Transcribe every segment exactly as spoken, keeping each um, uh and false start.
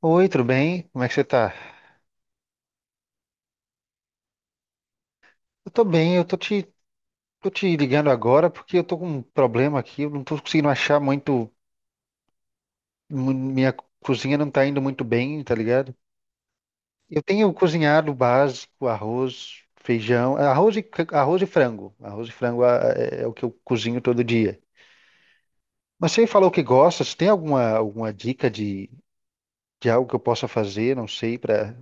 Oi, tudo bem? Como é que você tá? Eu tô bem, eu tô te, tô te ligando agora porque eu tô com um problema aqui, eu não tô conseguindo achar muito, mu- minha cozinha não tá indo muito bem, tá ligado? Eu tenho cozinhado o básico, arroz, feijão, é, arroz e, c- arroz e frango. Arroz e frango ah, é, é o que eu cozinho todo dia. Mas você falou que gosta, você tem alguma, alguma dica de, de algo que eu possa fazer, não sei, pra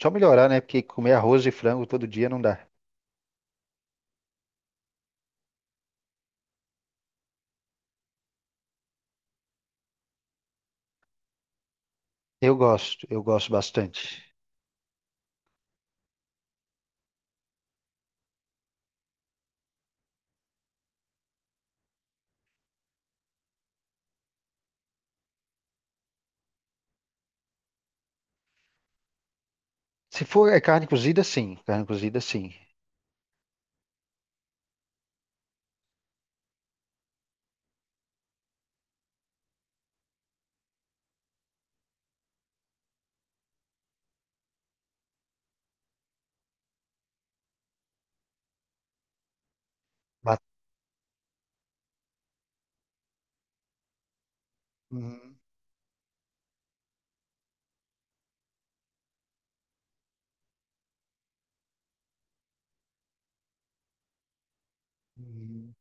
só melhorar, né? Porque comer arroz e frango todo dia não dá. Eu gosto, eu gosto bastante. Se for é carne cozida, sim. Carne cozida, sim. Ba- Hum, hum.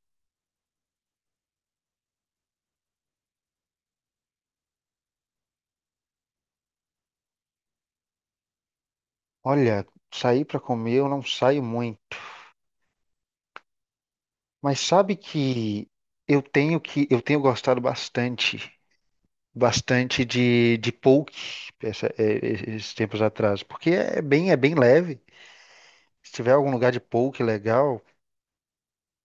Olha, sair para comer eu não saio muito, mas sabe que eu tenho que eu tenho gostado bastante, bastante de, de poke essa- é, é, esses tempos atrás, porque é bem é bem leve. Se tiver algum lugar de poke legal,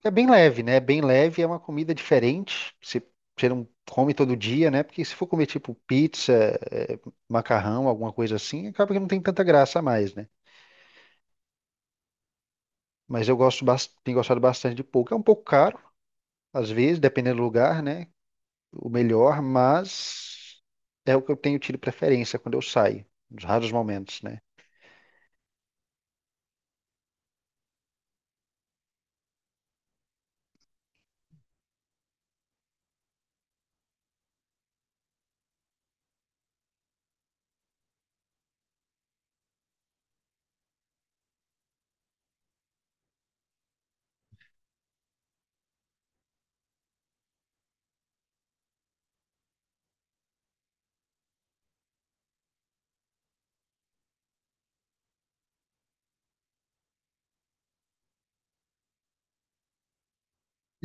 é bem leve, né? É bem leve, é uma comida diferente. Você, você não come todo dia, né? Porque se for comer tipo pizza, eh, macarrão, alguma coisa assim, acaba que não tem tanta graça a mais, né? Mas eu gosto, bas- tenho gostado bastante de pouco. É um pouco caro, às vezes, dependendo do lugar, né? O melhor, mas é o que eu tenho tido preferência quando eu saio, nos raros momentos, né?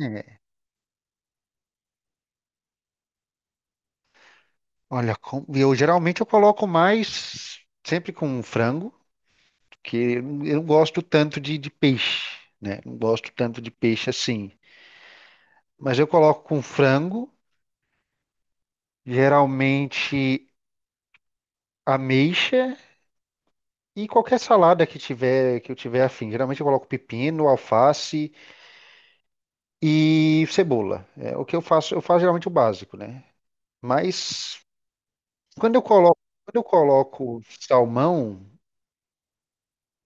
É. Olha, com- eu geralmente eu coloco mais sempre com frango. Que eu não eu não gosto tanto de, de peixe, né? Não gosto tanto de peixe assim. Mas eu coloco com frango, geralmente ameixa e qualquer salada que tiver que eu tiver afim. Geralmente eu coloco pepino, alface e cebola. É o que eu faço, eu faço geralmente o básico, né? Mas quando eu coloco, quando eu coloco salmão,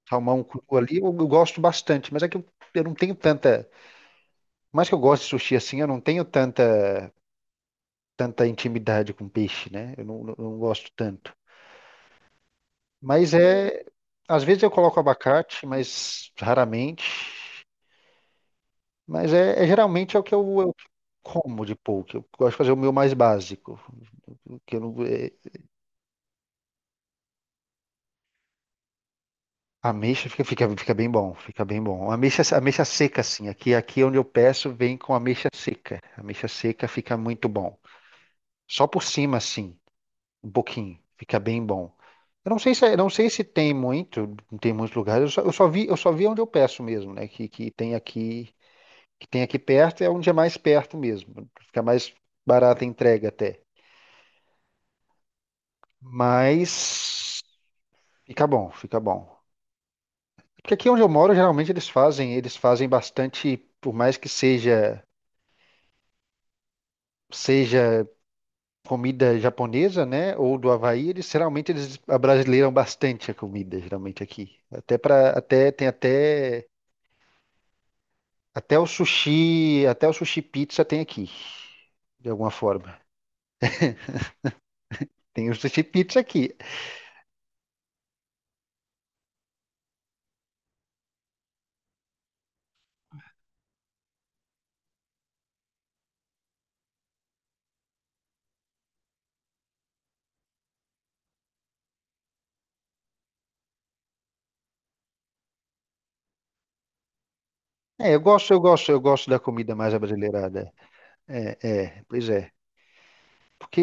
salmão cru ali, eu, eu gosto bastante, mas é que eu, eu não tenho tanta, mais que eu gosto de sushi assim, eu não tenho tanta tanta intimidade com peixe, né? Eu não, não- não gosto tanto. Mas é. Às vezes eu coloco abacate, mas raramente. Mas é, é geralmente é o que eu, eu como de pouco. Eu gosto de fazer o meu mais básico. O Que eu não, é, Ameixa fica, fica, fica bem bom, fica bem bom. Ameixa, ameixa seca, assim. Aqui, aqui onde eu peço, vem com ameixa seca. Ameixa seca fica muito bom. Só por cima, assim. Um pouquinho, fica bem bom. Eu não sei se, é, não sei se tem muito, tem muitos lugares. Eu só, eu só vi, eu só vi onde eu peço mesmo, né? Que, que tem aqui, que tem aqui perto, é onde é mais perto mesmo. Fica mais barata a entrega até. Mas fica bom, fica bom. Porque aqui onde eu moro, geralmente eles fazem, eles fazem bastante, por mais que seja seja comida japonesa, né, ou do Havaí, eles geralmente eles abrasileiram bastante a comida, geralmente aqui. Até para até tem até Até o sushi, até o sushi pizza tem aqui, de alguma forma. Tem o sushi pizza aqui. É, eu gosto, eu gosto, eu gosto da comida mais abrasileirada. É, é, pois é. Porque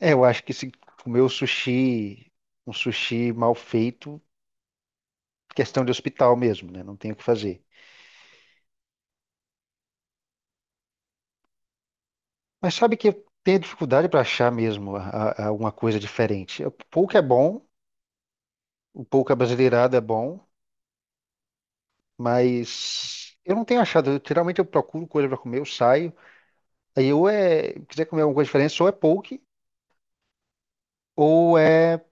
é, eu acho que se comer o sushi, um sushi mal feito, questão de hospital mesmo, né? Não tem o que fazer. Mas sabe que eu tenho dificuldade para achar mesmo a- a- alguma coisa diferente. O pouco é bom, o pouco abrasileirado é bom, mas eu não tenho achado. Eu, geralmente eu procuro coisa para comer, eu saio. Aí ou é, quiser comer alguma coisa diferente, ou é poke, ou é,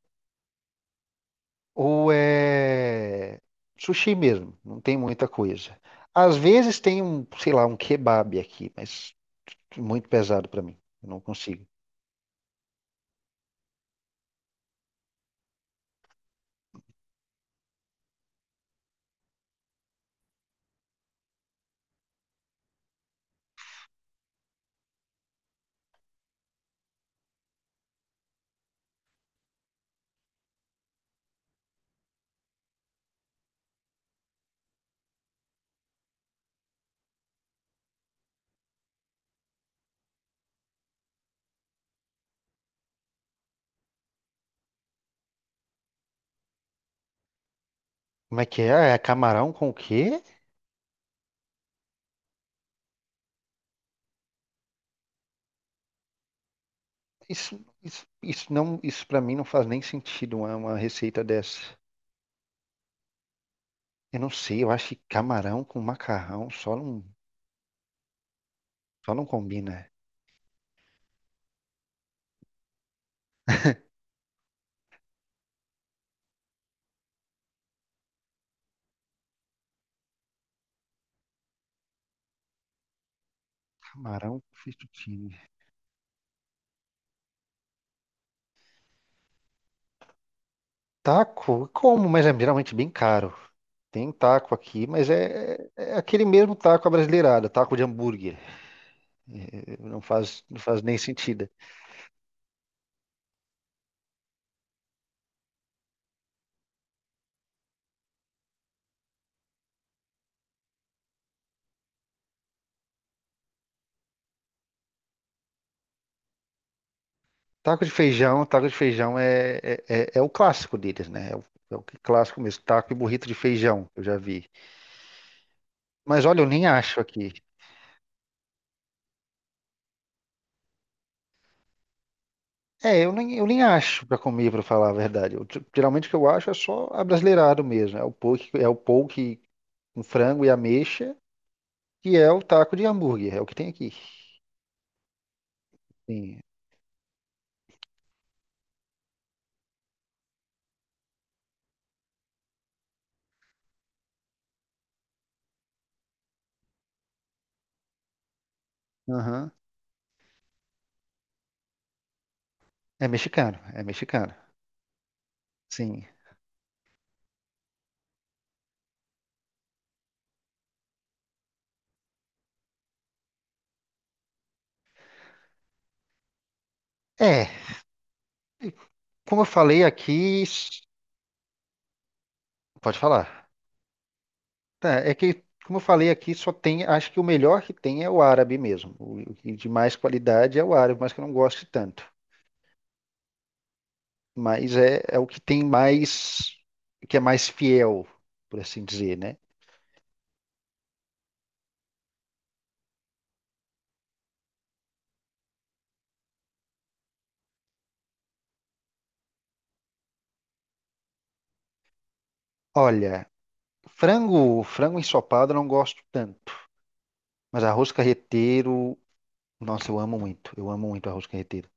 ou é sushi mesmo. Não tem muita coisa. Às vezes tem um, sei lá, um kebab aqui, mas muito pesado pra mim. Eu não consigo. Como é que é? Ah, é camarão com o quê? Isso, isso, isso não, isso para mim não faz nem sentido uma, uma receita dessa. Eu não sei, eu acho que camarão com macarrão só não, só não combina. Camarão com fettuccine. Taco? Como? Mas é geralmente bem caro. Tem taco aqui, mas é, é é aquele mesmo taco abrasileirado, taco de hambúrguer. É, Não faz, não faz nem sentido. Taco de feijão, taco de feijão é, é, é- é o clássico deles, né? É o, é o que- é clássico mesmo, taco e burrito de feijão, eu já vi. Mas olha, eu nem acho aqui. É, eu nem, eu nem acho pra comer, pra falar a verdade. Eu, t- geralmente o que eu acho é só abrasileirado mesmo. É o poke, é o poke com frango e ameixa, que é o taco de hambúrguer, é o que tem aqui. Sim, aham. É mexicano, é mexicano. Sim. É, como eu falei aqui, s- pode falar. Tá, é que, como eu falei aqui, só tem, acho que o melhor que tem é o árabe mesmo. O o que de mais qualidade é o árabe, mas que eu não gosto tanto. Mas é, é o que tem mais, que é mais fiel, por assim dizer, né? Olha, frango, frango ensopado eu não gosto tanto, mas arroz carreteiro, nossa, eu amo muito. Eu amo muito arroz carreteiro.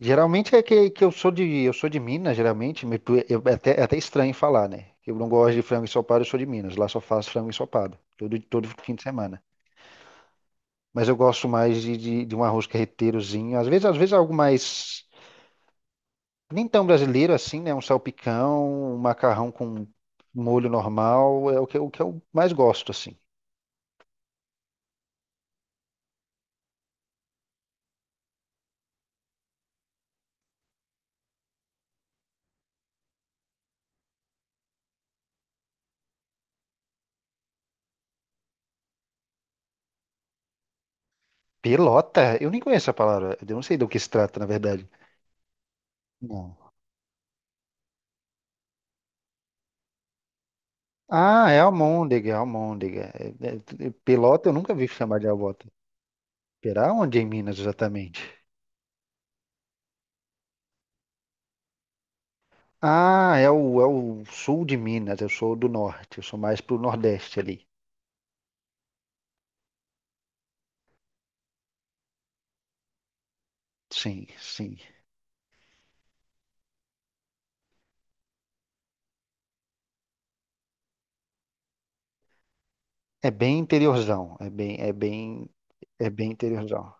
Geralmente é que, que eu sou de eu sou de Minas, geralmente, me- eu- é até, é até estranho falar, né? Eu não gosto de frango ensopado, eu sou de Minas, lá só faço frango ensopado, todo, todo fim de semana. Mas eu gosto mais de, de, de um arroz carreteirozinho, às vezes, às vezes algo mais, nem tão brasileiro assim, né? Um salpicão, um macarrão com molho normal, é o que, o que eu mais gosto, assim. Pelota? Eu nem conheço a palavra, eu não sei do que se trata, na verdade. Não. Ah, é almôndega, é almôndega. É- é- é, Pelota eu nunca vi chamar de alvo. Será onde é em Minas exatamente? Ah, é o, é o sul de Minas, eu sou do norte, eu sou mais pro nordeste ali. Sim, sim. É bem interiorzão, é bem, é bem, é bem interiorzão.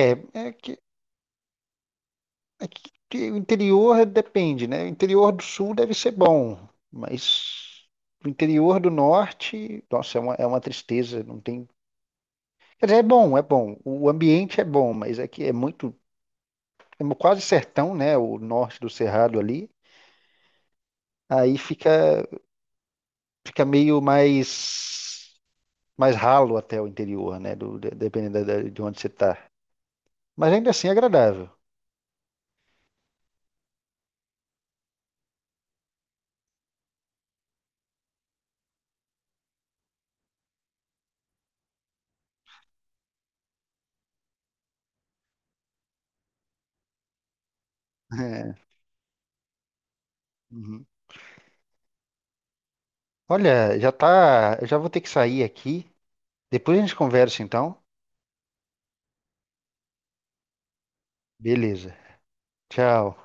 É, é que, é que que o interior depende, né? O interior do sul deve ser bom, mas o interior do norte, nossa, é uma, é uma tristeza, não tem. Quer dizer, é bom, é bom. O ambiente é bom, mas é que é muito, é quase sertão, né? O norte do Cerrado ali. Aí fica, fica meio mais, mais ralo até o interior, né? Do, de- dependendo da- da- de onde você está. Mas ainda assim é agradável. É. Uhum. Olha, já tá. Eu já vou ter que sair aqui. Depois a gente conversa, então. Beleza. Tchau.